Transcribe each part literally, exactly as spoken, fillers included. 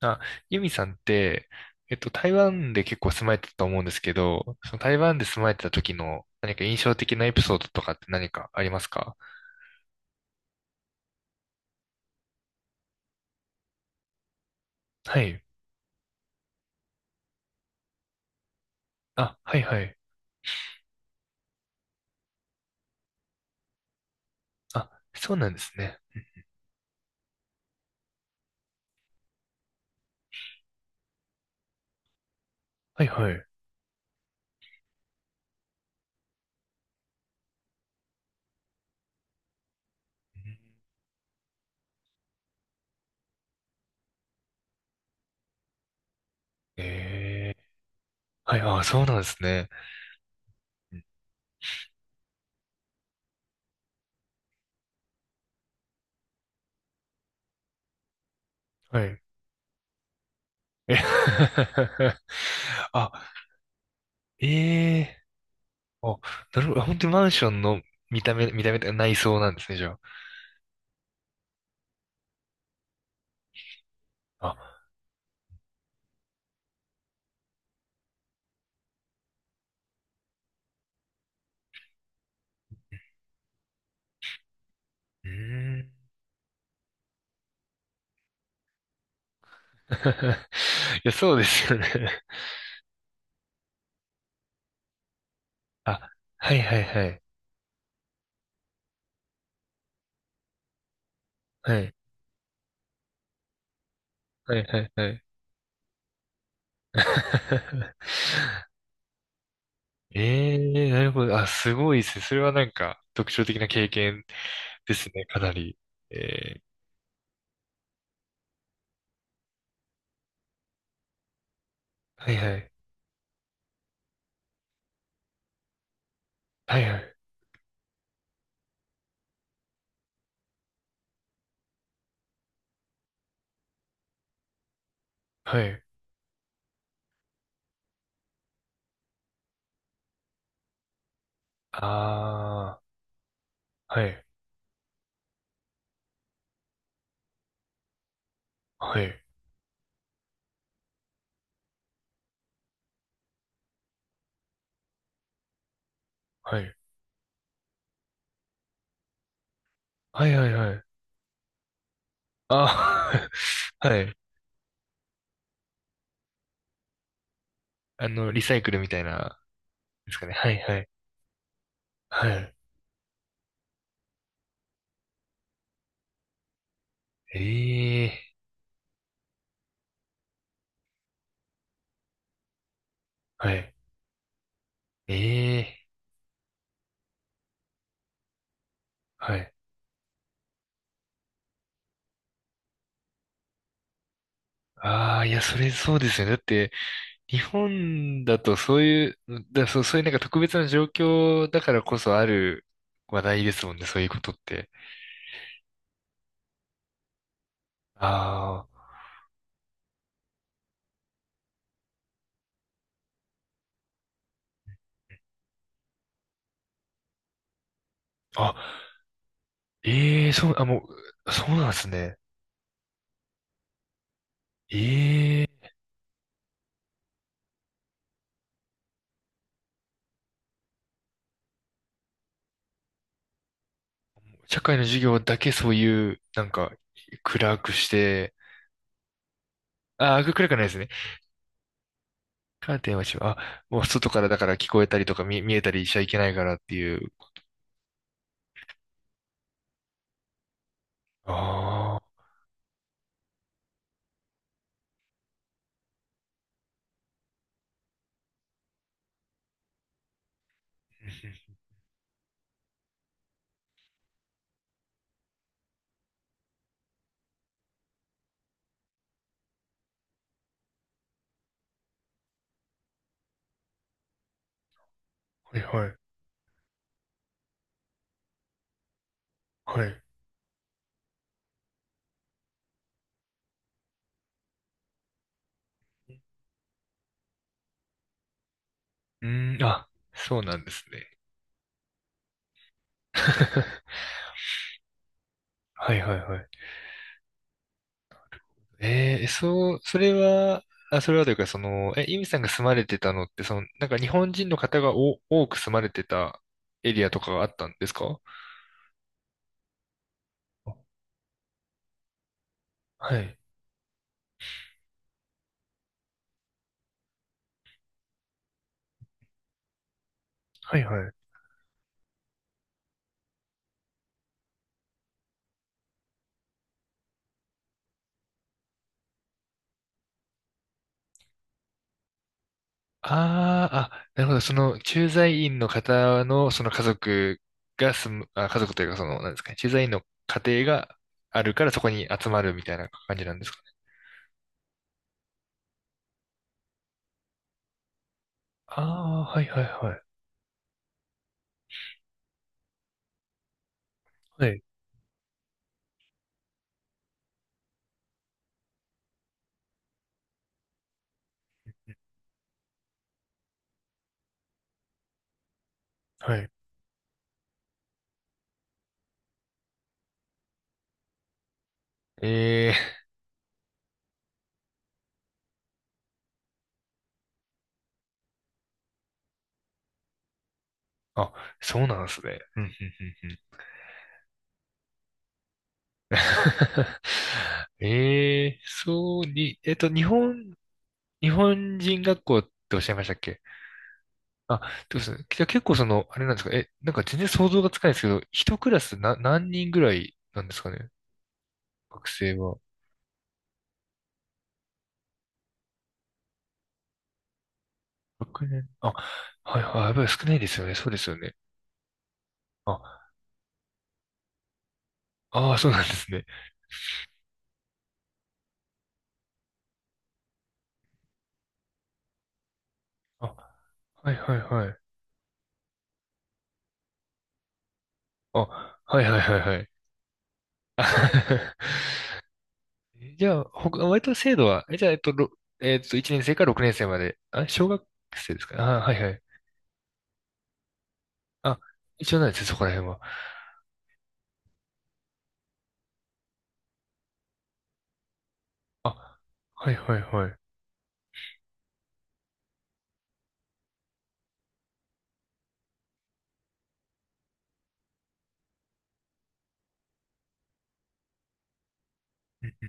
あ、ユミさんって、えっと、台湾で結構住まれてたと思うんですけど、その台湾で住まれてた時の何か印象的なエピソードとかって何かありますか？はい。あ、はいはい。あ、そうなんですね。はいはい。うん。えー、はい、あ、そうなんですね。うん。はい。え？ あ、ええ。あ、なるほど。あ、本当にマンションの見た目、見た目、内装なんですね、じゃあ。あ、うーん。いや、そうですよね。あ、はいはいはい。はい。はいはいはい。ええ。なるほど。あ、すごいですね。それはなんか特徴的な経験ですね、かなり。ええ。はいはい。はいはい。はい。ああ、はい。はい。はい。はいはいはい。ああ、はい。あの、リサイクルみたいな、ですかね。はいはい。はい。ええ。はい。ええ。はい。ああ、いや、それそうですよね。だって、日本だとそういう、だ、そう、そういうなんか特別な状況だからこそある話題ですもんね、そういうことって。ああ、あ、ええ、そう、あ、もう、そうなんですね。ええ。社会の授業だけそういう、なんか、暗くして、ああ、暗くはないですね。カーテンはしあ、もう外からだから聞こえたりとか見、見えたりしちゃいけないからっていう。ああ、うん。はいはい、はい。うん、あ、そうなんですね。はいはいはい。ええ、そう、それは、あ、それはというか、その、え、イミさんが住まれてたのって、その、なんか日本人の方がお多く住まれてたエリアとかがあったんですか？はい。はいはい。ああ、あ、なるほど。その、駐在員の方の、その家族が住む、あ、家族というか、その、なんですかね、駐在員の家庭があるからそこに集まるみたいな感じなんですかね。ああ、はいはいはい。はい。はい。ええ、あ、そうなんですね。うんうんうんうん。 ええ、そうに、えっと、日本、日本人学校っておっしゃいましたっけ？あ、どうですね。じゃあ結構その、あれなんですかえ、なんか全然想像がつかないですけど、一クラスな、何人ぐらいなんですかね、学生は。学年あ、はいはい、やっぱり少ないですよね。そうですよね。あ、ああ、そうなんですね。あ、はいはいはい。あ、はいはいはいはい。あ じゃあ、ほか、割と制度は、え、じゃあ、えっと、ろえっと、いちねん生からろくねん生まで、あ、小学生ですかあ？はいはい。あ、一応ないですよ、そこら辺は。あ、はいはいはい。うん。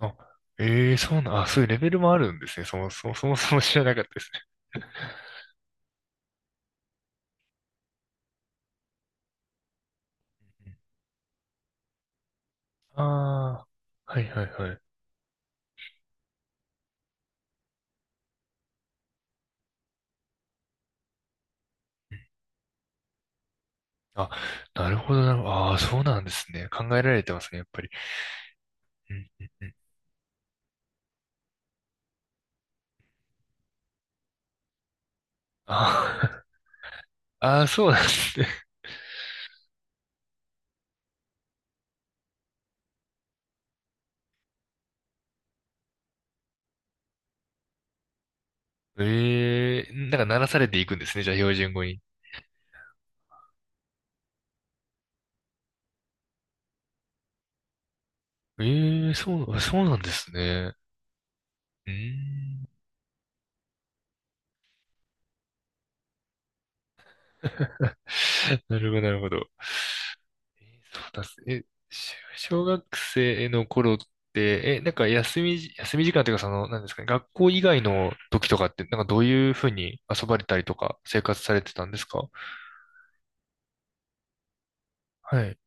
あ、ええ、そうなん、あ、そういうレベルもあるんですね。そもそも、そもそも知らなかったですね。うん。ああ、はいはいはい。うん。あ、なるほどなるほど。ああ、そうなんですね。考えられてますね、やっぱり。うんうんうん。あー、 あー、あ、そうなんですね。ええ、なんか鳴らされていくんですね、じゃあ標準語に。ええ、そう、そうなんですね。うーん。なるほど、なるほど。そうだっす。え、し小学生の頃って、え、なんか休みじ、休み時間というかその、なんですかね、学校以外の時とかって、なんかどういうふうに遊ばれたりとか生活されてたんですか？はい。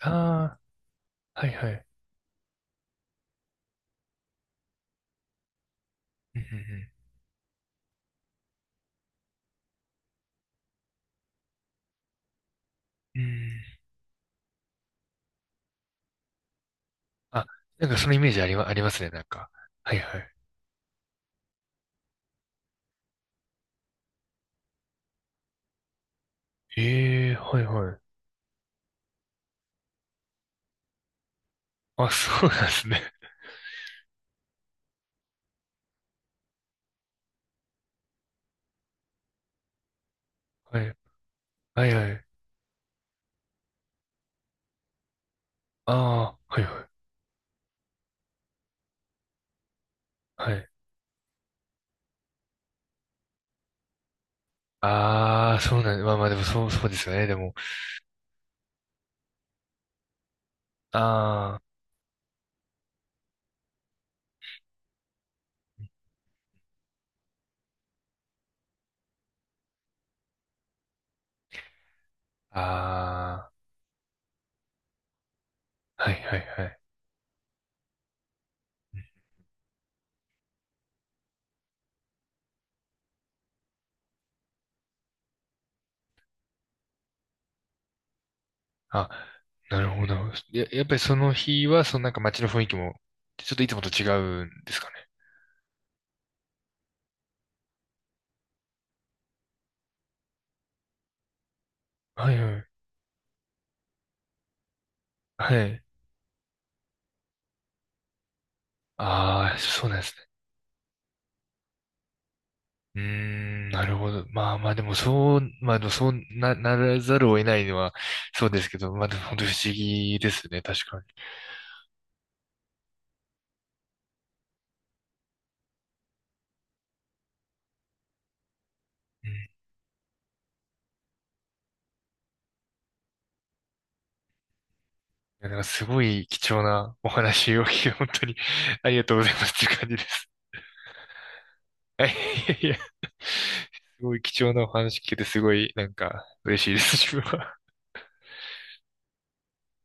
ああ、はいはい。うんうんうん。うん。あ、なんかそのイメージありま、ありますね、なんか。はいはい。ええ、はいはい。あ、そうなんですね。はい。はいはい。ああ、はいはい。はい。ああ、そうなん、まあまあでもそう、そうですよね、でも。ああ、ああ。はいはいはい。あ、なるほど。や、やっぱりその日は、そのなんか街の雰囲気も、ちょっといつもと違うんですかね。はいはい。はい。ああ、そうなんですね。うーん、なるほど。まあまあでもそう、まあでもそうな、ならざるを得ないのはそうですけど、まあでも本当不思議ですね、確かに。うん。いや、なんかすごい貴重なお話を聞いて、本当に ありがとうございますっていう感じです。はい、いやいや、すごい貴重なお話聞けて、すごい、なんか、嬉しいです、自分は。